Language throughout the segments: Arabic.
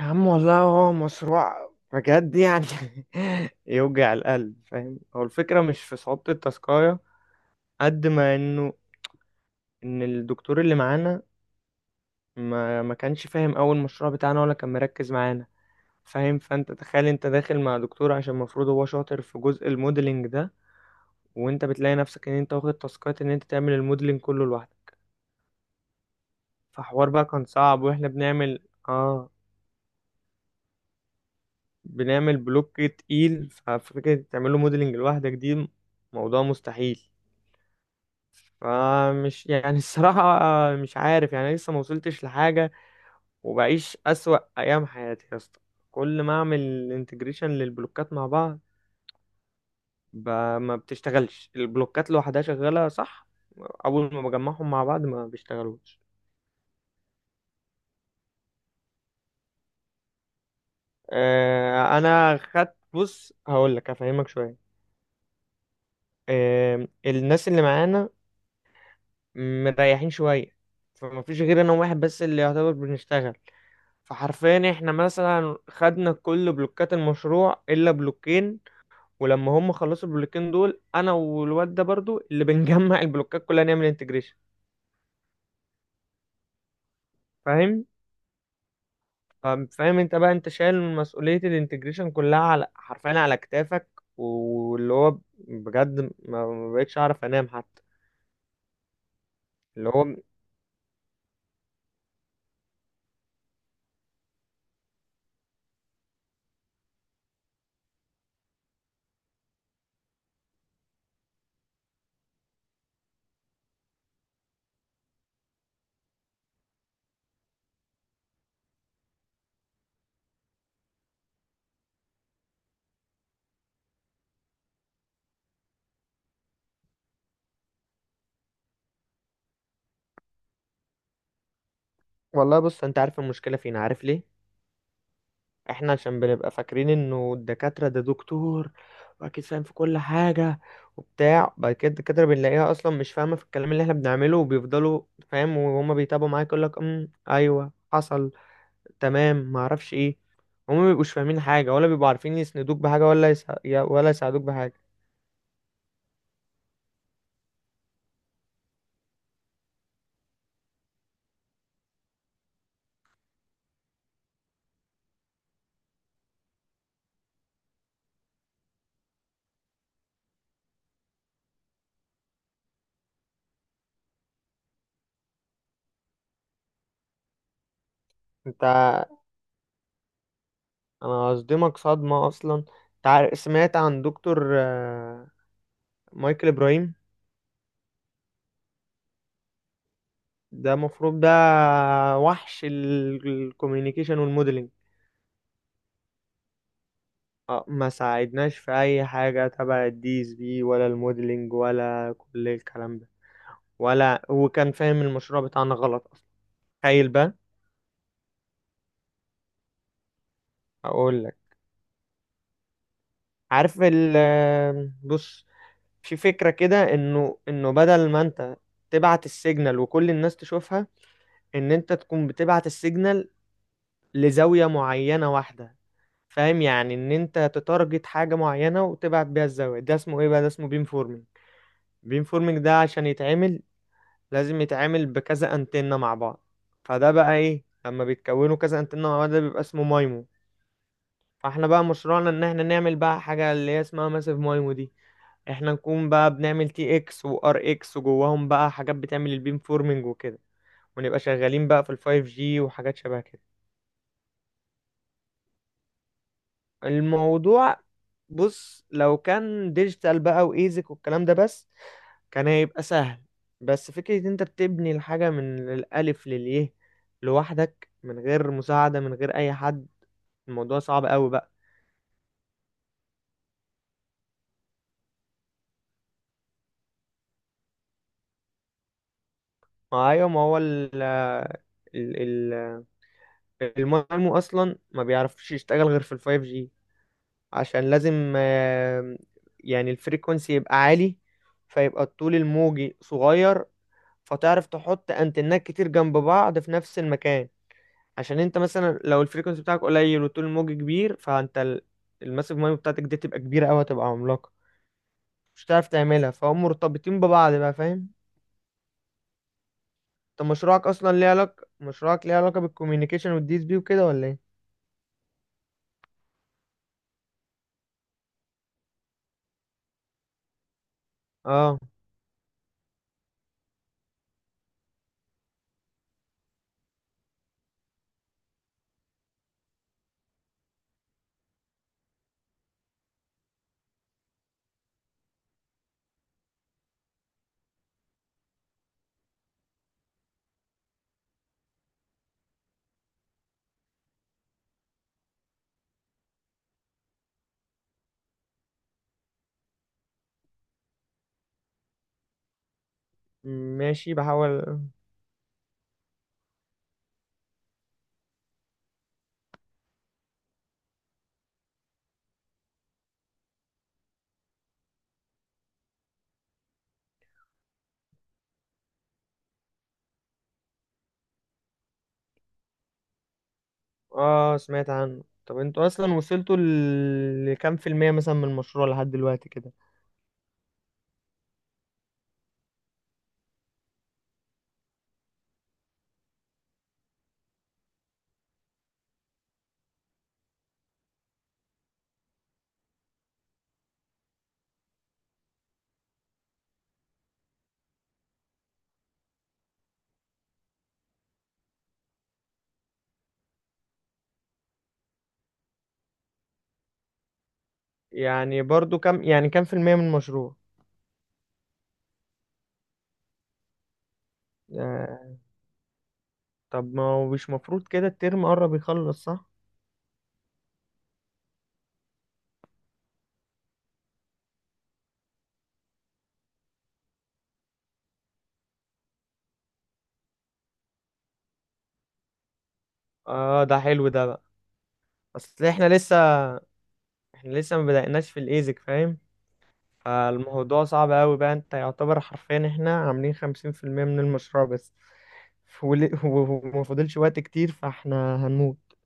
يا عم، والله هو مشروع بجد يعني. يوجع القلب. فاهم؟ هو الفكرة مش في صعوبة التاسكاية قد ما انه ان الدكتور اللي معانا ما كانش فاهم اول مشروع بتاعنا ولا كان مركز معانا. فاهم؟ فانت تخيل، انت داخل مع دكتور عشان المفروض هو شاطر في جزء الموديلنج ده، وانت بتلاقي نفسك ان انت واخد تاسكات ان انت تعمل الموديلنج كله لوحدك. فحوار بقى كان صعب. واحنا اه بنعمل بلوك تقيل، ففكرة تعمل له موديلنج لوحدك دي موضوع مستحيل. فمش يعني الصراحة مش عارف، يعني لسه ما وصلتش لحاجة، وبعيش أسوأ أيام حياتي يا اسطى. كل ما أعمل انتجريشن للبلوكات مع بعض ب... ما بتشتغلش. البلوكات لوحدها شغالة، صح. أول ما بجمعهم مع بعض ما بيشتغلوش. أنا خدت، بص هقول لك أفهمك شوية. الناس اللي معانا مريحين شوية، فما فيش غير انا واحد بس اللي يعتبر بنشتغل. فحرفيا احنا مثلا خدنا كل بلوكات المشروع الا بلوكين، ولما هم خلصوا البلوكين دول انا والواد ده برضو اللي بنجمع البلوكات كلها نعمل انتجريشن. فاهم، فاهم، فاهم. انت بقى، انت شايل مسؤولية الانتجريشن كلها، على حرفيا على كتافك. واللي هو بجد ما بقتش اعرف انام حتى. اللي هو والله بص، انت عارف المشكلة فين؟ عارف ليه؟ احنا عشان بنبقى فاكرين انه الدكاترة ده دكتور واكيد فاهم في كل حاجة وبتاع، بعد كده الدكاترة بنلاقيها اصلا مش فاهمة في الكلام اللي احنا بنعمله، وبيفضلوا فاهم، وهما بيتابعوا معاك يقول لك ايوه حصل، تمام، ما اعرفش ايه. هما ما بيبقوش فاهمين حاجة، ولا بيبقوا عارفين يسندوك بحاجة، ولا يساعدوك بحاجة. انت انا هصدمك صدمة. اصلا انت سمعت عن دكتور مايكل ابراهيم؟ ده المفروض ده وحش الكوميونيكيشن والموديلنج. ما ساعدناش في اي حاجه تبع الDSP ولا الموديلنج ولا كل الكلام ده. ولا هو كان فاهم المشروع بتاعنا غلط اصلا. تخيل بقى. اقول لك، عارف ال آه، بص، في فكره كده انه بدل ما انت تبعت السيجنال وكل الناس تشوفها، ان انت تكون بتبعت السيجنال لزاويه معينه واحده. فاهم؟ يعني ان انت تتارجت حاجه معينه وتبعت بيها الزاويه. ده اسمه ايه بقى؟ ده اسمه بيم فورمينج. بيم فورمينج ده عشان يتعمل لازم يتعامل بكذا انتنة مع بعض. فده بقى ايه لما بيتكونوا كذا انتنة مع بعض؟ ده بيبقى اسمه مايمو. فاحنا بقى مشروعنا ان احنا نعمل بقى حاجة اللي هي اسمها ماسيف مايمو دي. احنا نكون بقى بنعمل TX وRX، وجواهم بقى حاجات بتعمل البيم فورمينج وكده، ونبقى شغالين بقى في ال5G وحاجات شبه كده. الموضوع بص، لو كان ديجيتال بقى وايزك والكلام ده بس، كان هيبقى سهل. بس فكرة إن انت بتبني الحاجة من الألف لليه لوحدك، من غير مساعدة، من غير أي حد، الموضوع صعب أوي بقى. ما أيوة، ما هو ال ال- المعلم أصلا ما بيعرفش يشتغل غير في ال5G. عشان لازم يعني الفريكونسي يبقى عالي، فيبقى الطول الموجي صغير، فتعرف تحط أنتنات كتير جنب بعض في نفس المكان. عشان انت مثلا لو الفريكونسي بتاعك قليل وطول الموج كبير، فانت الماسيف مايند بتاعتك دي تبقى كبيره قوي، هتبقى عملاقه. مش هتعرف تعملها. فهم مرتبطين ببعض بقى، فاهم. انت مشروعك ليه علاقه بالكوميونيكيشن والدي اس بي وكده ولا ايه؟ اه، ماشي، بحاول. اه، سمعت عنه. طب انتوا اصلا وصلتوا لكام في المية مثلا من المشروع لحد دلوقتي كده؟ يعني برضو كام؟ يعني كام في المية من المشروع؟ آه. طب ما هو مش مفروض كده الترم قرب يخلص، صح؟ اه، ده حلو ده بقى. اصل احنا لسه ما بدأناش في الايزك، فاهم. فالموضوع صعب قوي بقى. انت يعتبر حرفيا احنا عاملين 50% من المشروع بس، وما فاضلش وقت كتير، فاحنا هنموت.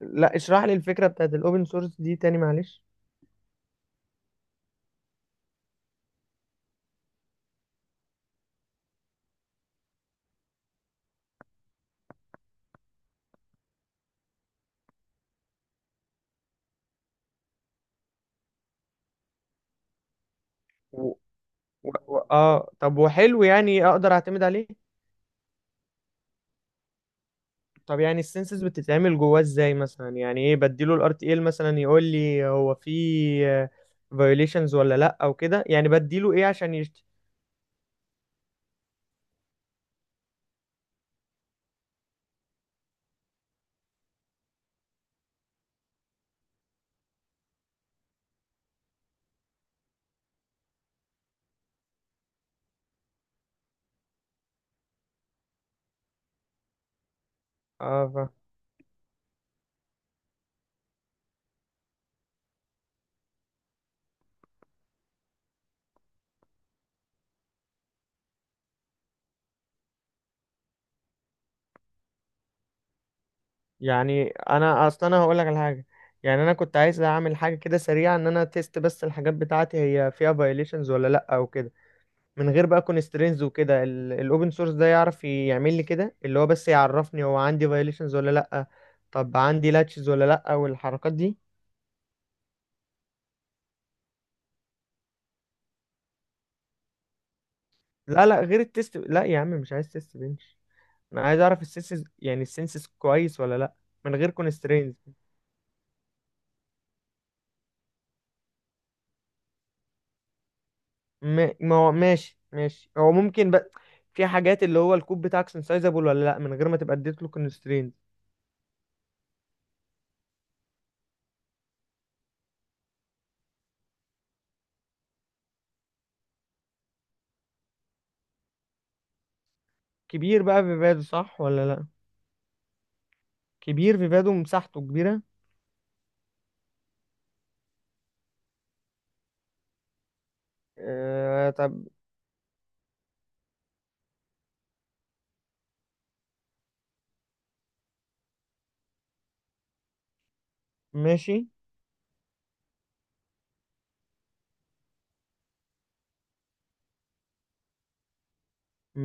لا، اشرح لي الفكرة بتاعت الاوبن سورس دي تاني، معلش. و... اه، طب وحلو. يعني اقدر اعتمد عليه؟ طب يعني السنسز بتتعمل جواه ازاي مثلا؟ يعني ايه بديله؟ الRTL مثلا يقول لي هو في فيوليشنز ولا لا او كده؟ يعني بديله ايه عشان اه. يعني انا هقول لك على حاجه. يعني انا كنت عايز اعمل حاجه كده سريعه، ان انا تيست بس الحاجات بتاعتي هي فيها فايليشنز ولا لا او كده، من غير بقى كونسترينز وكده. الاوبن سورس ده يعرف يعمل لي كده اللي هو بس يعرفني هو عندي فايليشنز ولا لا؟ طب عندي لاتشز ولا لا والحركات دي؟ لا، لا غير التيست. لا يا عم، مش عايز تيست بنش. انا عايز اعرف السنسز، يعني السنسز كويس ولا لا من غير كونسترينز. ما هو ماشي ماشي، هو ممكن بقى في حاجات اللي هو الكوب بتاعك سنسايزابل ولا لا من غير ما تبقى اديت له كونسترينت؟ كبير بقى فيفادو، صح ولا لا؟ كبير فيفادو، مساحته كبيرة؟ آه، طب ماشي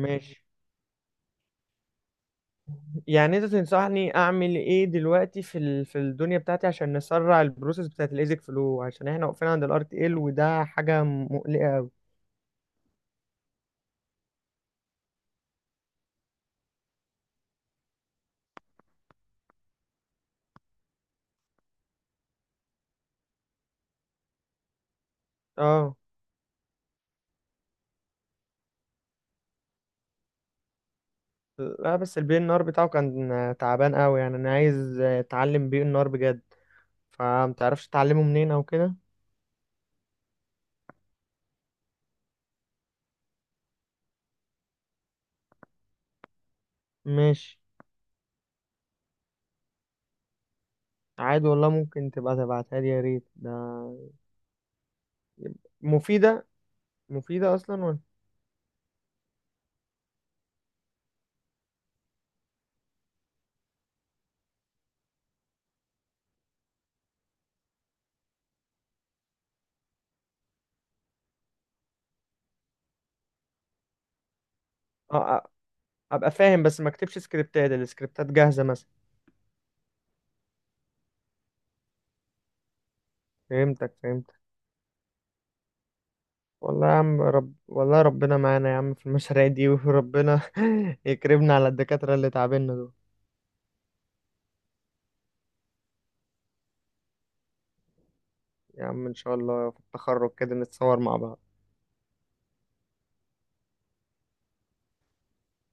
ماشي. يعني انت تنصحني اعمل ايه دلوقتي في الدنيا بتاعتي عشان نسرع البروسيس بتاعت الايزك فلو، عشان احنا واقفين عند الRTL وده حاجة مقلقة قوي. اه. لا، بس الPnR بتاعه كان تعبان قوي، يعني انا عايز اتعلم PnR بجد. فمتعرفش تعلمه منين او كده؟ ماشي. عادي والله، ممكن تبقى تبعتها لي يا ريت ده. مفيدة، مفيدة اصلا ولا؟ اه، ابقى فاهم بس ما اكتبش سكريبتات. السكريبتات جاهزة مثلا. فهمتك، فهمتك. والله يا عم، والله ربنا معانا يا عم في المشاريع دي، وربنا يكرمنا على الدكاترة اللي تعبنا دول. يا عم ان شاء الله في التخرج كده نتصور مع بعض.